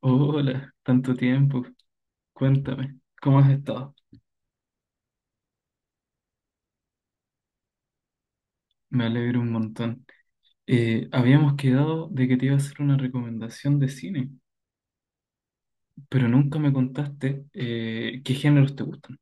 Hola, tanto tiempo. Cuéntame, ¿cómo has estado? Me alegro un montón. Habíamos quedado de que te iba a hacer una recomendación de cine, pero nunca me contaste qué géneros te gustan.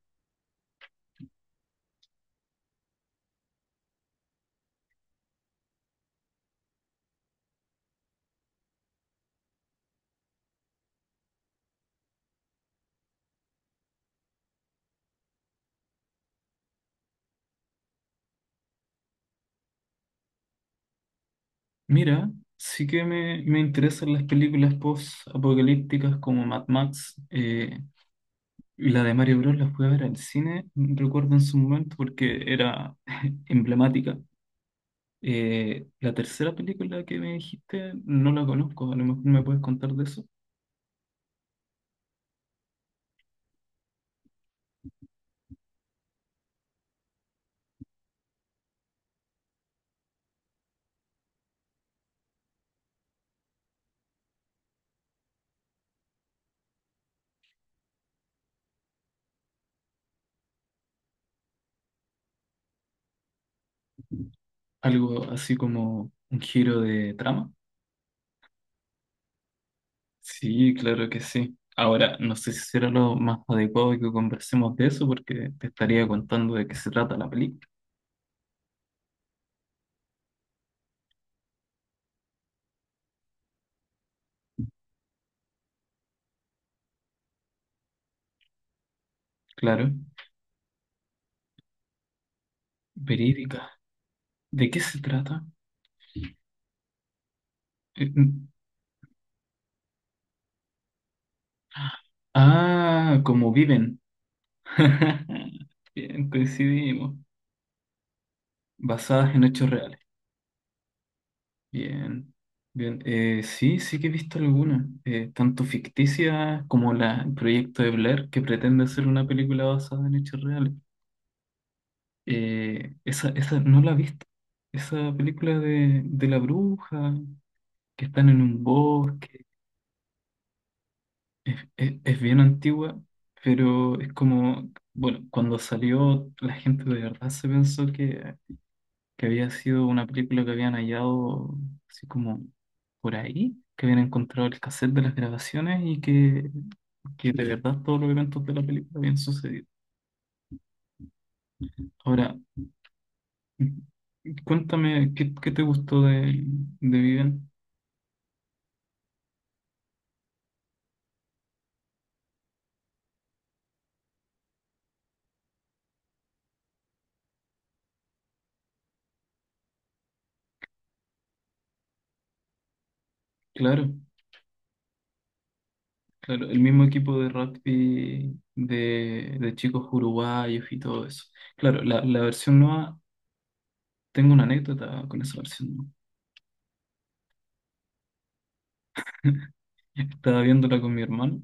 Mira, sí que me interesan las películas post-apocalípticas como Mad Max. Y la de Mario Bros. La fui a ver al cine, recuerdo en su momento, porque era emblemática. La tercera película que me dijiste no la conozco, a lo mejor me puedes contar de eso. Algo así como un giro de trama. Sí, claro que sí. Ahora, no sé si será lo más adecuado que conversemos de eso porque te estaría contando de qué se trata la película. Claro, verídica. ¿De qué se trata? Mm. Ah, como viven. Bien, coincidimos. Basadas en hechos reales. Bien, bien. Sí, sí que he visto algunas, tanto ficticias como el proyecto de Blair, que pretende hacer una película basada en hechos reales. Esa no la he visto. Esa película de la bruja, que están en un bosque, es bien antigua, pero es como, bueno, cuando salió la gente de verdad se pensó que había sido una película que habían hallado así como por ahí, que habían encontrado el cassette de las grabaciones y que de verdad todos los eventos de la película habían sucedido. Ahora, cuéntame, ¿ qué te gustó de Viven? Claro, claro, el mismo equipo de rugby de chicos uruguayos y todo eso. Claro, la versión nueva, tengo una anécdota con esa versión nueva. Estaba viéndola con mi hermano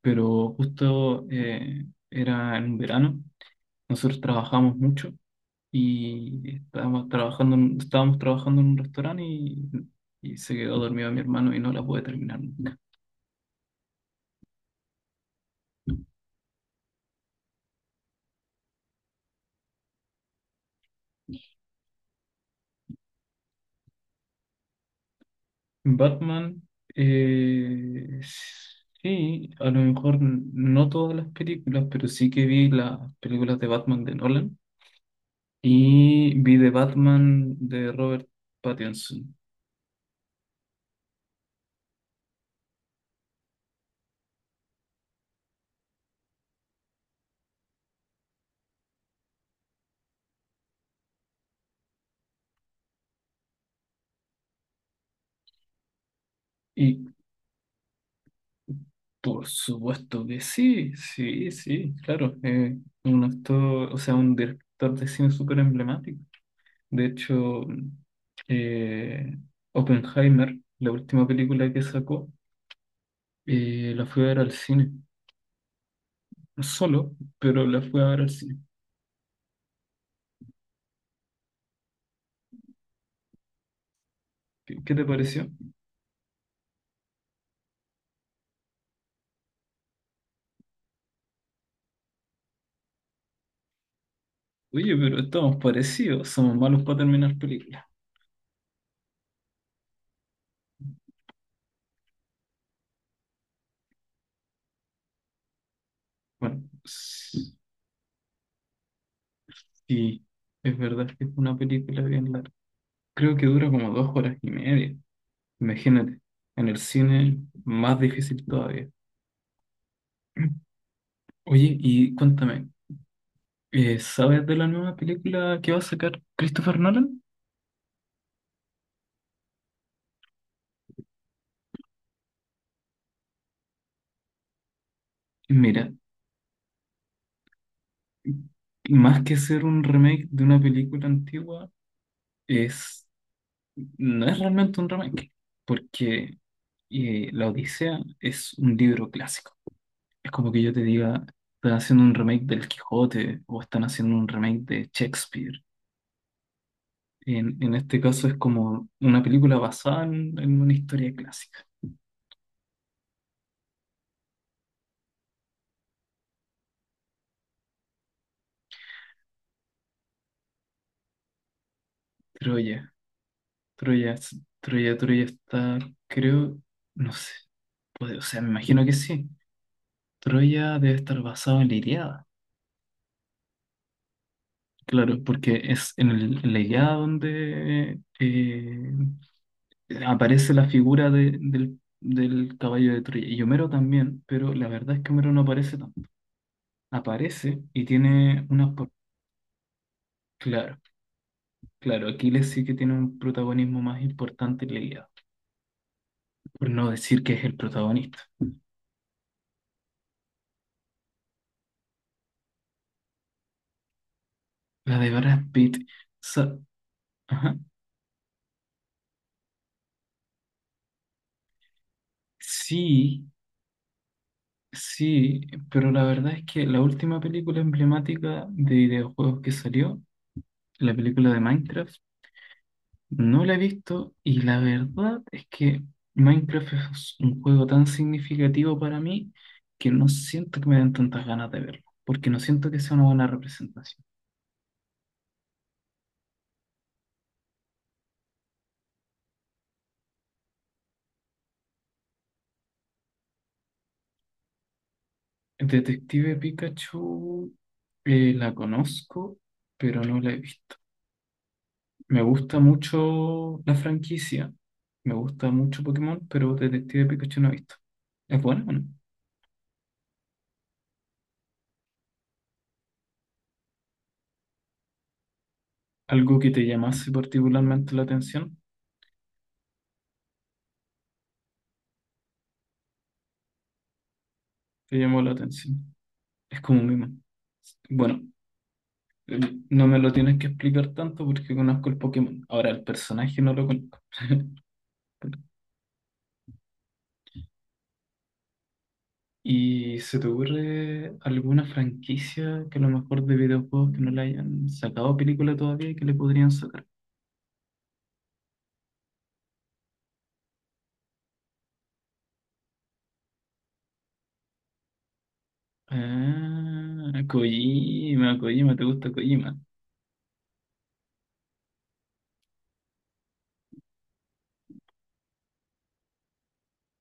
pero justo era en verano, nosotros trabajamos mucho y estábamos trabajando en un restaurante y se quedó dormido mi hermano y no la pude terminar nunca. Batman, eh, sí, a lo mejor no todas las películas, pero sí que vi las películas de Batman de Nolan y vi de Batman de Robert Pattinson. Y Por supuesto que sí, sí, sí, claro. Un actor, o sea, un director de cine súper emblemático. De hecho, eh, Oppenheimer, la última película que sacó, la fui a ver al cine. No solo, pero la fui a ver al cine. ¿Qué, qué te pareció? Oye, pero estamos parecidos, somos malos para terminar películas. Bueno, sí, es verdad que es una película bien larga. Creo que dura como 2 horas y media. Imagínate, en el cine más difícil todavía. Oye, y cuéntame, ¿sabes de la nueva película que va a sacar Christopher Nolan? Mira, más que ser un remake de una película antigua, es, no es realmente un remake, porque La Odisea es un libro clásico. Es como que yo te diga, están haciendo un remake del Quijote o están haciendo un remake de Shakespeare. En este caso es como una película basada en una historia clásica. Troya, Troya está, creo, no sé, o sea, me imagino que sí. Troya debe estar basado en la Ilíada, claro, porque es en la Ilíada donde aparece la figura del caballo de Troya. Y Homero también, pero la verdad es que Homero no aparece tanto. Aparece y tiene unas... Claro. Claro, Aquiles sí que tiene un protagonismo más importante en la Ilíada, por no decir que es el protagonista. La de Brad Pitt, sa- ajá. Sí, sí, pero la verdad es que la última película emblemática de videojuegos que salió, la película de Minecraft, no la he visto y la verdad es que Minecraft es un juego tan significativo para mí que no siento que me den tantas ganas de verlo, porque no siento que sea una buena representación. Detective Pikachu la conozco, pero no la he visto. Me gusta mucho la franquicia. Me gusta mucho Pokémon, pero Detective Pikachu no he visto. ¿Es buena o no? Algo que te llamase particularmente la atención, te llamó la atención. Es como un mimo. Bueno, eh, no me lo tienes que explicar tanto porque conozco el Pokémon. Ahora el personaje no lo conozco. ¿Y se te ocurre alguna franquicia que a lo mejor de videojuegos que no le hayan sacado película todavía y que le podrían sacar? Ah, Kojima, Kojima, ¿te gusta Kojima?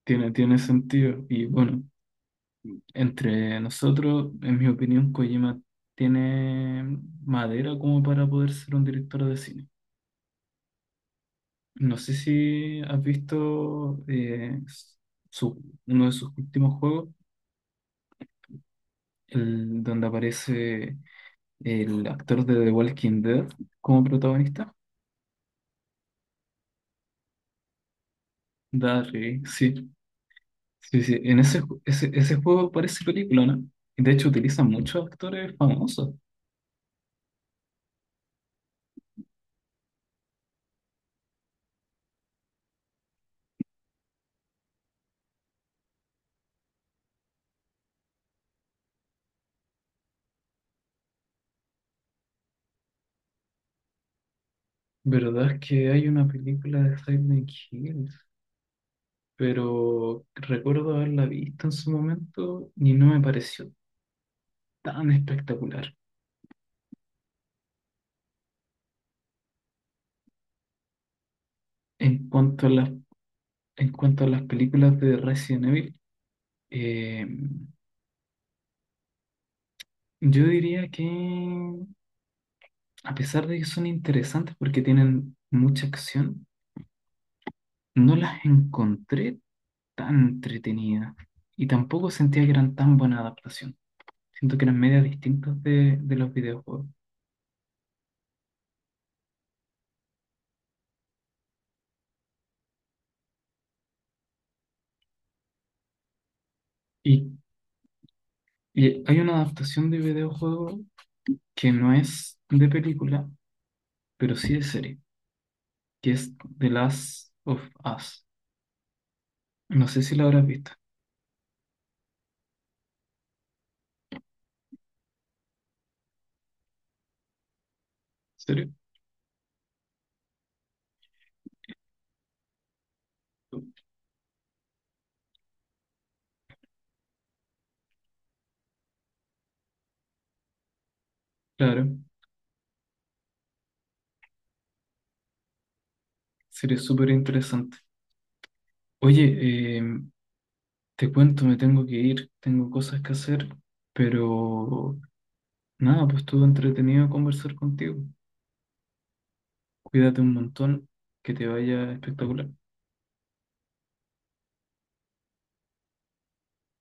Tiene, tiene sentido. Y bueno, entre nosotros, en mi opinión, Kojima tiene madera como para poder ser un director de cine. No sé si has visto uno de sus últimos juegos, el donde aparece el actor de The Walking Dead como protagonista. Darryl, sí, sí, sí. En ese, ju- ese juego parece película, ¿no? Y de hecho utilizan muchos actores famosos. ¿Verdad es que hay una película de Silent Hill? Pero recuerdo haberla visto en su momento y no me pareció tan espectacular. En cuanto a las, en cuanto a las películas de Resident Evil, eh, yo diría que a pesar de que son interesantes porque tienen mucha acción, no las encontré tan entretenidas y tampoco sentía que eran tan buena adaptación. Siento que eran medias distintas de los videojuegos. Y, y hay una adaptación de videojuego que no es de película, pero sí de serie, que es The Last of Us. No sé si la habrás visto. ¿Serio? Claro, serie súper interesante. Oye, te cuento, me tengo que ir, tengo cosas que hacer, pero nada, pues estuvo entretenido conversar contigo. Cuídate un montón, que te vaya espectacular.